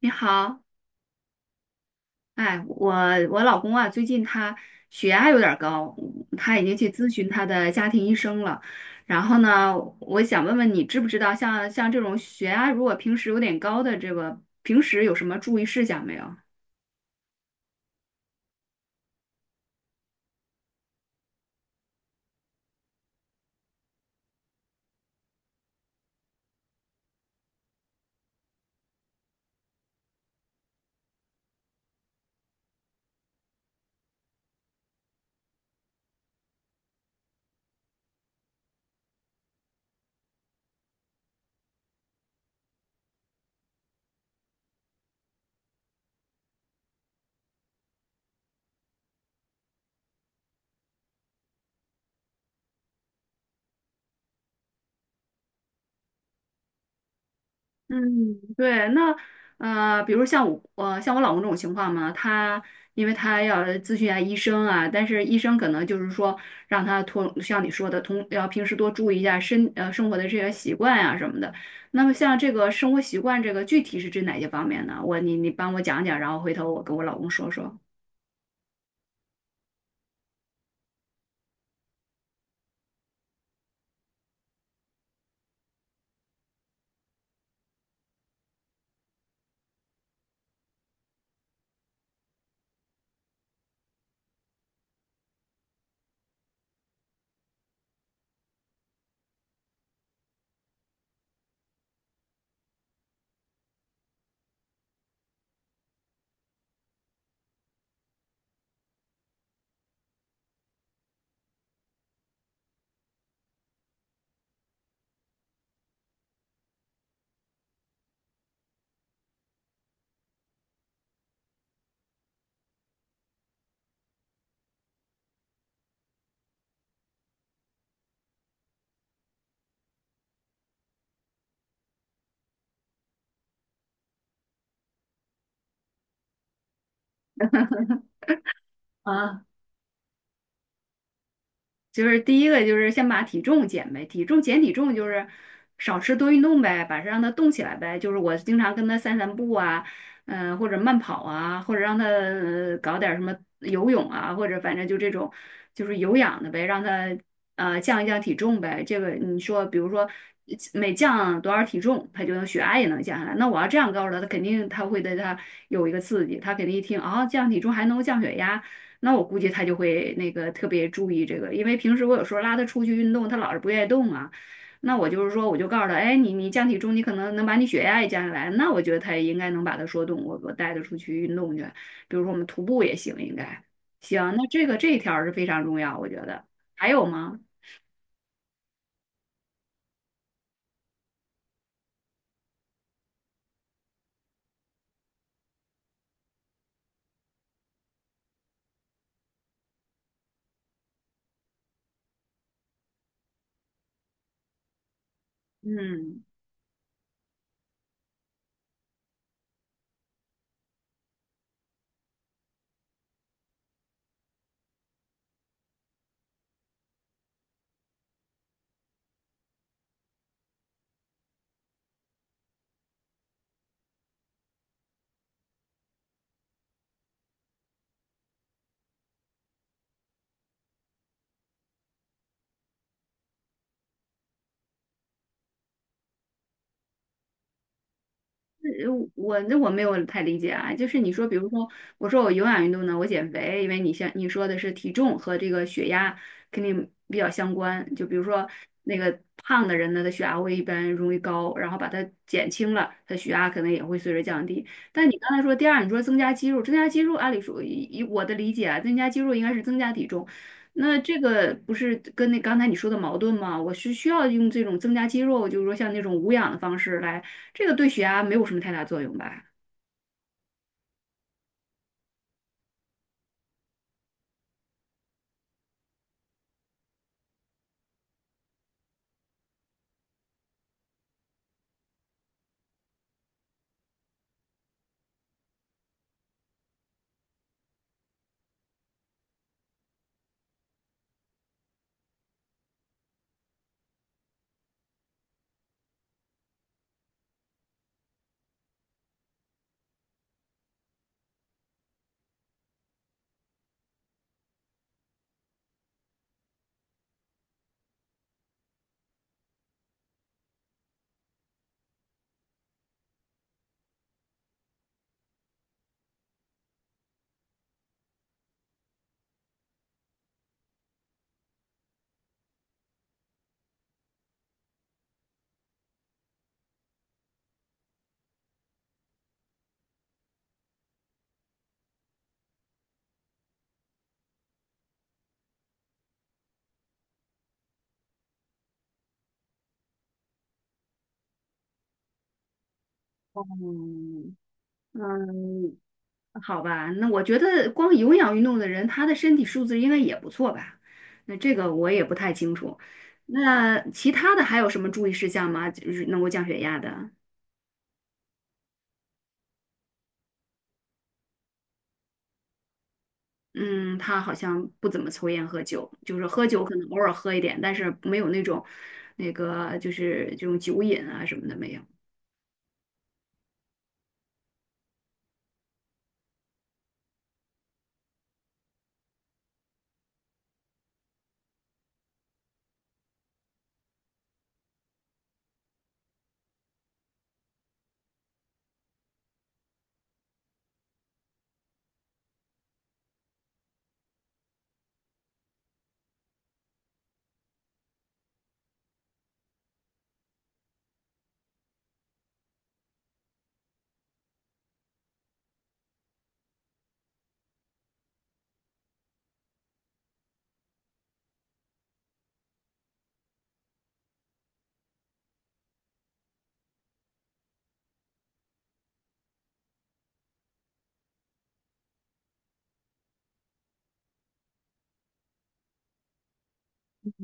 你好，哎，我老公啊，最近他血压有点儿高，他已经去咨询他的家庭医生了。然后呢，我想问问你，知不知道像这种血压如果平时有点高的这个，平时有什么注意事项没有？嗯，对，那比如像我，像我老公这种情况嘛，他因为他要咨询一下医生啊，但是医生可能就是说让他通，像你说的，通要平时多注意一下生活的这些习惯啊什么的。那么像这个生活习惯，这个具体是指哪些方面呢？我你帮我讲讲，然后回头我跟我老公说说。啊。就是第一个就是先把体重减呗，体重就是少吃多运动呗，把它让它动起来呗。就是我经常跟他散散步啊，嗯、或者慢跑啊，或者让他搞点儿什么游泳啊，或者反正就这种就是有氧的呗，让他降一降体重呗。这个你说，比如说每降多少体重，他就能血压也能降下来。那我要这样告诉他，他肯定他会对他有一个刺激，他肯定一听啊、降体重还能够降血压。那我估计他就会那个特别注意这个，因为平时我有时候拉他出去运动，他老是不愿意动啊。那我就是说，我就告诉他，哎，你降体重，你可能能把你血压也降下来，那我觉得他也应该能把他说动，我带他出去运动去，比如说我们徒步也行，应该行。那这个这一条儿是非常重要，我觉得。还有吗？嗯。呃我那我没有太理解啊，就是你说，比如说，我说我有氧运动呢，我减肥，因为你像你说的是体重和这个血压肯定比较相关，就比如说那个胖的人呢，他血压会一般容易高，然后把它减轻了，他血压可能也会随着降低。但你刚才说第二，你说增加肌肉，增加肌肉，按理说以我的理解啊，增加肌肉应该是增加体重，那这个不是跟那刚才你说的矛盾吗？我是需要用这种增加肌肉，就是说像那种无氧的方式来。这个对血压没有什么太大作用吧？嗯，嗯，好吧，那我觉得光有氧运动的人，他的身体素质应该也不错吧？那这个我也不太清楚。那其他的还有什么注意事项吗？就是能够降血压的？嗯，他好像不怎么抽烟喝酒，就是喝酒可能偶尔喝一点，但是没有那种那个就是这种酒瘾啊什么的没有。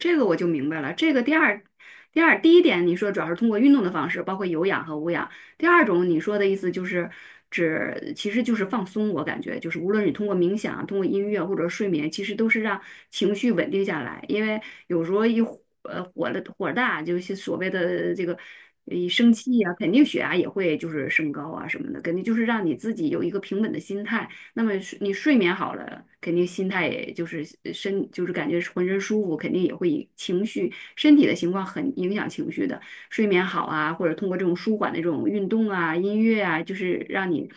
这个我就明白了。这个第二，第二，第一点你说主要是通过运动的方式，包括有氧和无氧。第二种你说的意思就是指，其实就是放松。我感觉就是无论你通过冥想、通过音乐或者睡眠，其实都是让情绪稳定下来。因为有时候火的火大，就是所谓的这个一生气呀、肯定血压也会就是升高啊什么的，肯定就是让你自己有一个平稳的心态。那么你睡眠好了，肯定心态也就是就是感觉是浑身舒服，肯定也会以情绪身体的情况很影响情绪的。睡眠好啊，或者通过这种舒缓的这种运动啊、音乐啊，就是让你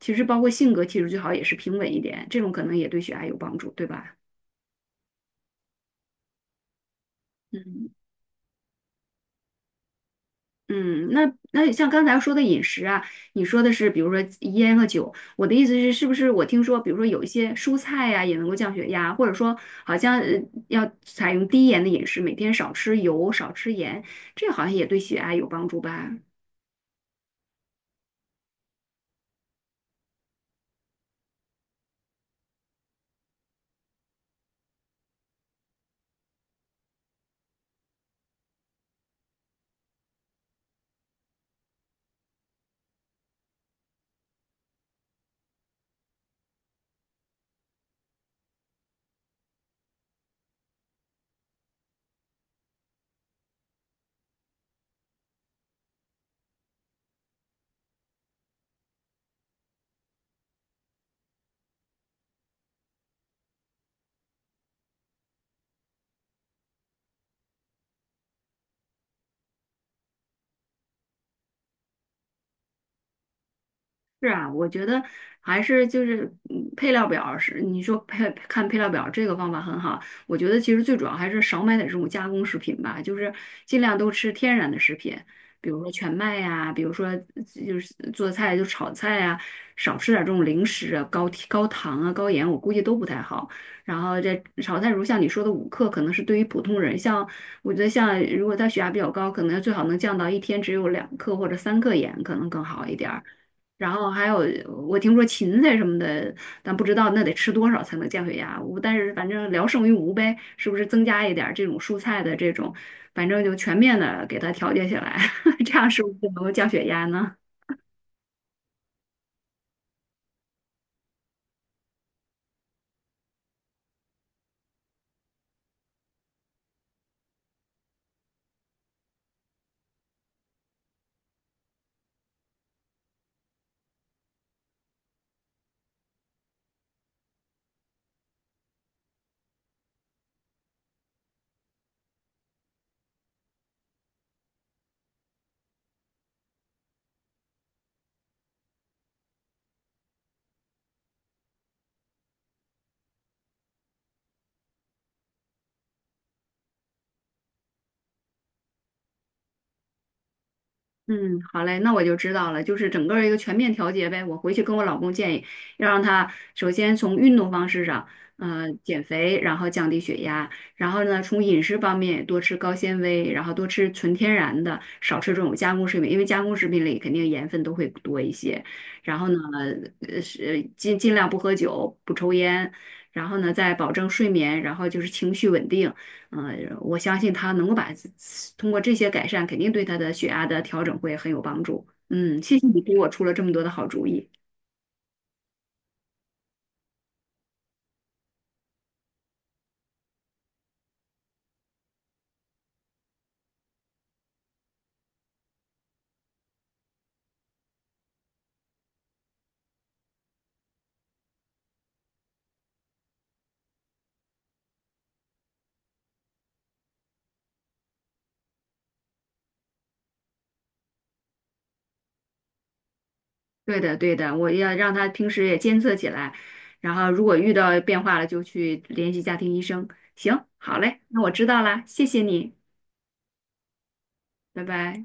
其实包括性格其实最好也是平稳一点，这种可能也对血压有帮助，对吧？嗯。嗯，那那像刚才说的饮食啊，你说的是比如说烟和酒，我的意思是，是不是我听说，比如说有一些蔬菜呀、也能够降血压，或者说好像要采用低盐的饮食，每天少吃油、少吃盐，这好像也对血压有帮助吧？是啊，我觉得还是就是嗯配料表是你说看配料表这个方法很好，我觉得其实最主要还是少买点这种加工食品吧，就是尽量都吃天然的食品，比如说全麦呀、比如说就是做菜就炒菜呀、少吃点这种零食啊，高糖啊、高盐，我估计都不太好。然后这炒菜，如像你说的5克，可能是对于普通人，像我觉得像如果他血压比较高，可能最好能降到一天只有2克或者3克盐，可能更好一点儿。然后还有我听说芹菜什么的，但不知道那得吃多少才能降血压。我但是反正聊胜于无呗，是不是增加一点儿这种蔬菜的这种，反正就全面的给它调节起来，这样是不是能够降血压呢？嗯，好嘞，那我就知道了，就是整个儿一个全面调节呗。我回去跟我老公建议，要让他首先从运动方式上，呃，减肥，然后降低血压，然后呢，从饮食方面多吃高纤维，然后多吃纯天然的，少吃这种加工食品，因为加工食品里肯定盐分都会多一些。然后呢，呃，是尽量不喝酒，不抽烟，然后呢，再保证睡眠，然后就是情绪稳定。我相信他能够把通过这些改善，肯定对他的血压的调整会很有帮助。嗯，谢谢你给我出了这么多的好主意。对的，对的，我要让他平时也监测起来，然后如果遇到变化了，就去联系家庭医生。行，好嘞，那我知道啦，谢谢你，拜拜。